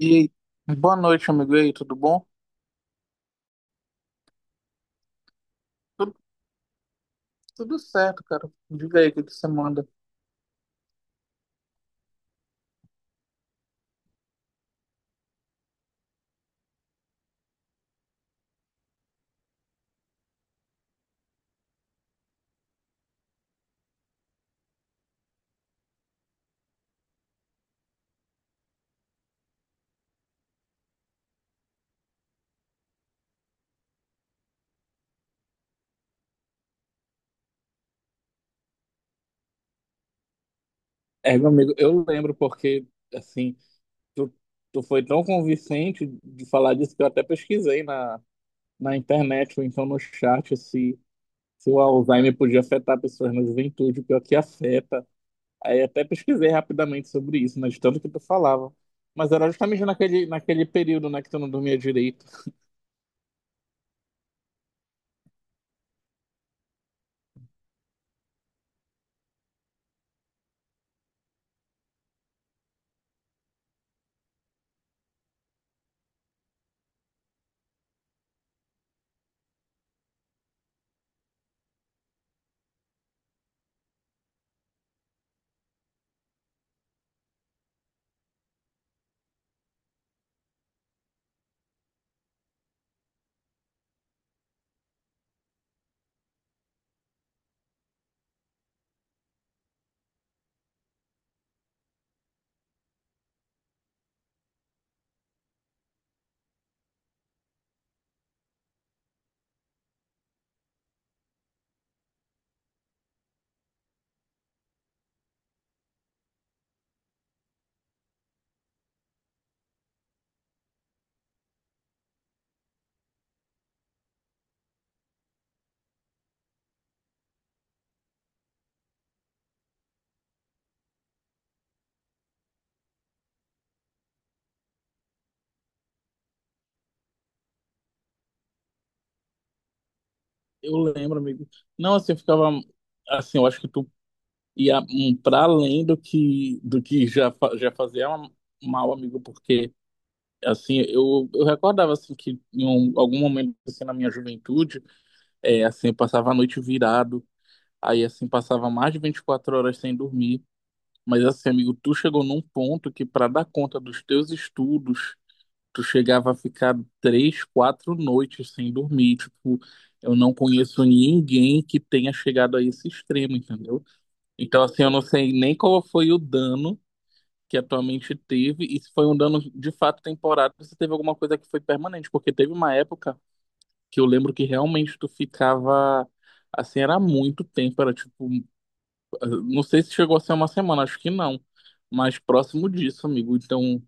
E aí, boa noite, amigo. E aí, tudo bom? Tudo, tudo certo, cara. Diga aí o que que você manda. É, meu amigo, eu lembro porque, assim, tu, tu foi tão convincente de falar disso que eu até pesquisei na internet ou então no chat se o Alzheimer podia afetar pessoas na juventude, pior que afeta. Aí até pesquisei rapidamente sobre isso, né, de tanto que tu falava. Mas era justamente naquele período, né, que tu não dormia direito. Eu lembro, amigo. Não, assim, eu ficava, assim, eu acho que tu. Para além do que já, já fazia é um mal, amigo, porque assim, eu recordava assim, que em algum momento assim, na minha juventude, é, assim, eu passava a noite virado, aí assim, passava mais de 24 horas sem dormir. Mas assim, amigo, tu chegou num ponto que para dar conta dos teus estudos, tu chegava a ficar 3, 4 noites sem dormir. Tipo, eu não conheço ninguém que tenha chegado a esse extremo, entendeu? Então, assim, eu não sei nem qual foi o dano que a tua mente teve e se foi um dano de fato temporário, se teve alguma coisa que foi permanente, porque teve uma época que eu lembro que realmente tu ficava assim, era muito tempo, era tipo, não sei se chegou a ser uma semana, acho que não, mas próximo disso, amigo. Então,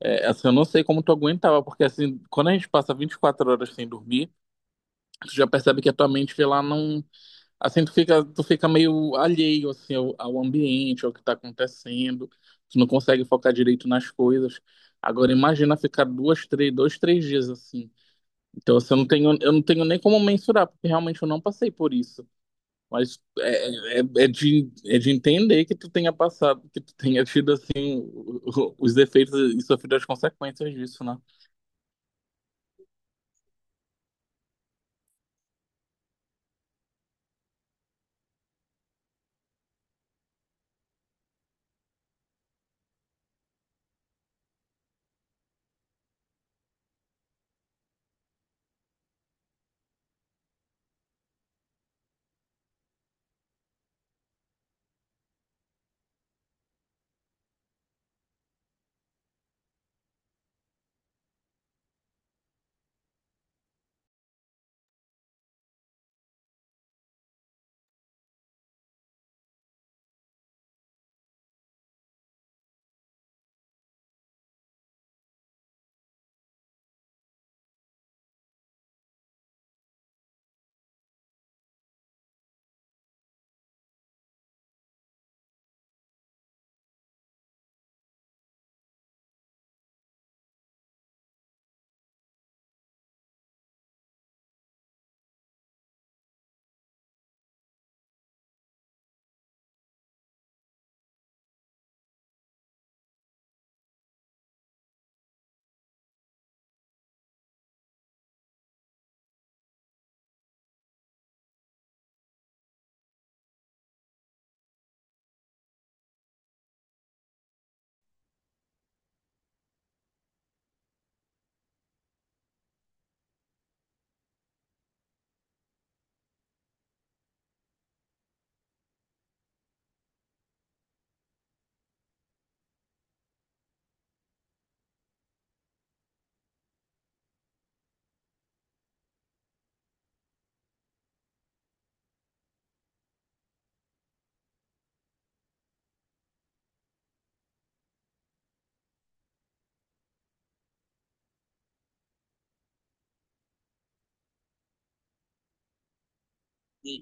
é, assim, eu não sei como tu aguentava, porque assim, quando a gente passa 24 horas sem dormir, tu já percebe que a tua mente ela não. Assim, tu fica meio alheio, assim, ao ambiente, ao que está acontecendo. Tu não consegue focar direito nas coisas. Agora, imagina ficar 2, 3, 2, 3 dias assim. Então, assim, eu não tenho nem como mensurar, porque realmente eu não passei por isso. Mas é de entender que tu tenha passado, que tu tenha tido, assim, os efeitos e sofrido as consequências disso, né?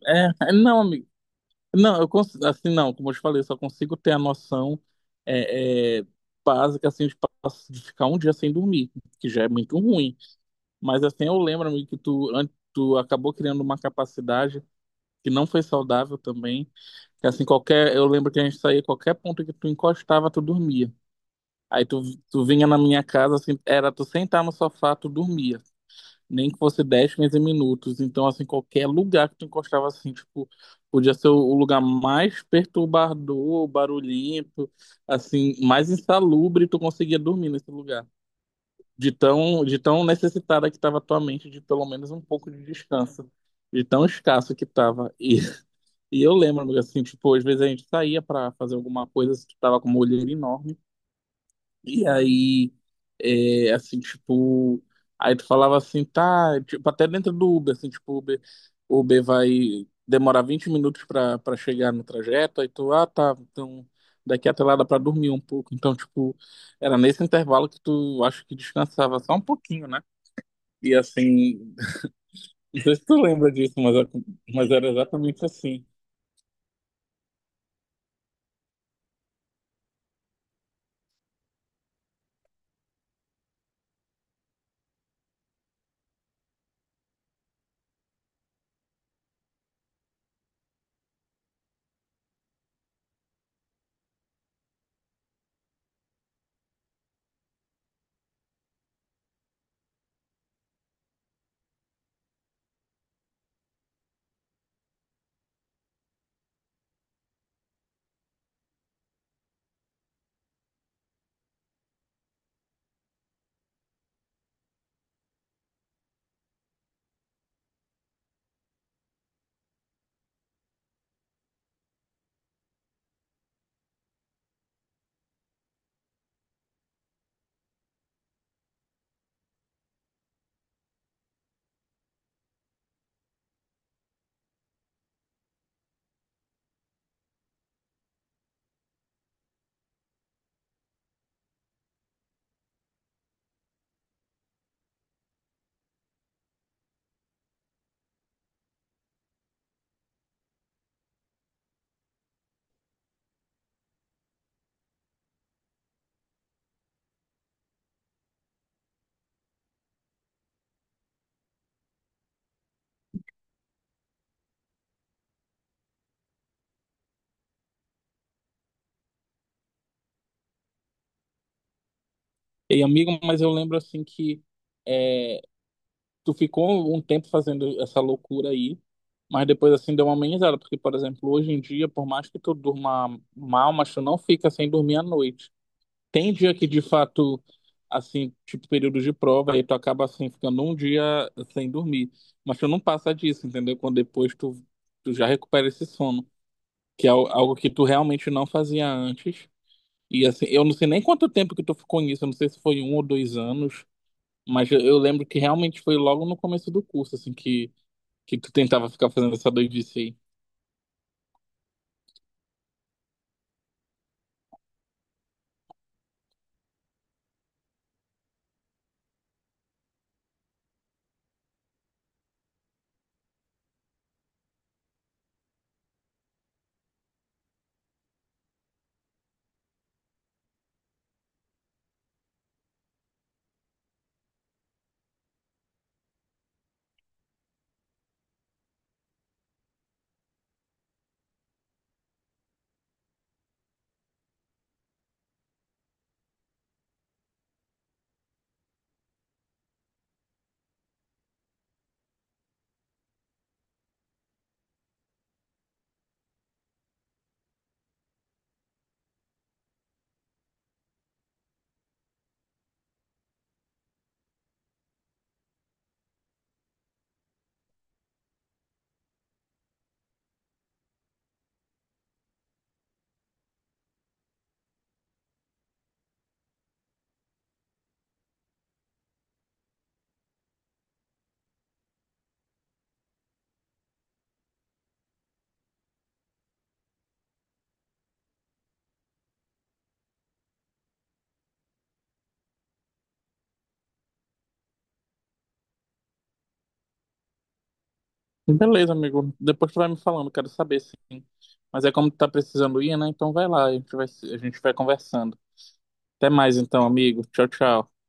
Não, amigo. Não, eu assim não, como eu te falei, eu só consigo ter a noção é, é, básica assim de, de ficar um dia sem dormir, que já é muito ruim. Mas assim eu lembro, amigo, que tu acabou criando uma capacidade que não foi saudável também. Que assim qualquer, eu lembro que a gente saía qualquer ponto que tu encostava, tu dormia. Aí tu vinha na minha casa assim, era tu sentar no sofá, tu dormia nem que fosse 10, 15 minutos. Então, assim, qualquer lugar que tu encostava, assim, tipo, podia ser o lugar mais perturbador, barulhento, assim, mais insalubre, tu conseguia dormir nesse lugar. De tão necessitada que estava a tua mente de pelo menos um pouco de descanso. De tão escasso que estava. E eu lembro, assim, tipo, às vezes a gente saía para fazer alguma coisa, assim, tu tava com uma olheira enorme. E aí, é, assim, tipo, aí tu falava assim, tá, tipo, até dentro do Uber, assim, tipo, o Uber vai demorar 20 minutos pra chegar no trajeto, aí tu, ah, tá, então daqui até lá dá pra dormir um pouco. Então, tipo, era nesse intervalo que tu, acho que descansava só um pouquinho, né? E assim, não sei se tu lembra disso, mas, era exatamente assim. E amigo, mas eu lembro assim que é, tu ficou um tempo fazendo essa loucura aí, mas depois assim deu uma amenizada, porque, por exemplo, hoje em dia, por mais que tu durma mal, mas tu não fica sem dormir à noite. Tem dia que de fato, assim, tipo período de prova, aí tu acaba assim ficando um dia sem dormir, mas tu não passa disso, entendeu? Quando depois tu já recupera esse sono, que é algo que tu realmente não fazia antes. E assim, eu não sei nem quanto tempo que tu ficou nisso, eu não sei se foi 1 ou 2 anos. Mas eu lembro que realmente foi logo no começo do curso, assim, que tu tentava ficar fazendo essa doidice aí. Beleza, amigo. Depois tu vai me falando, quero saber, sim. Mas é como tu tá precisando ir, né? Então vai lá, a gente vai, a gente vai conversando. Até mais então, amigo. Tchau, tchau.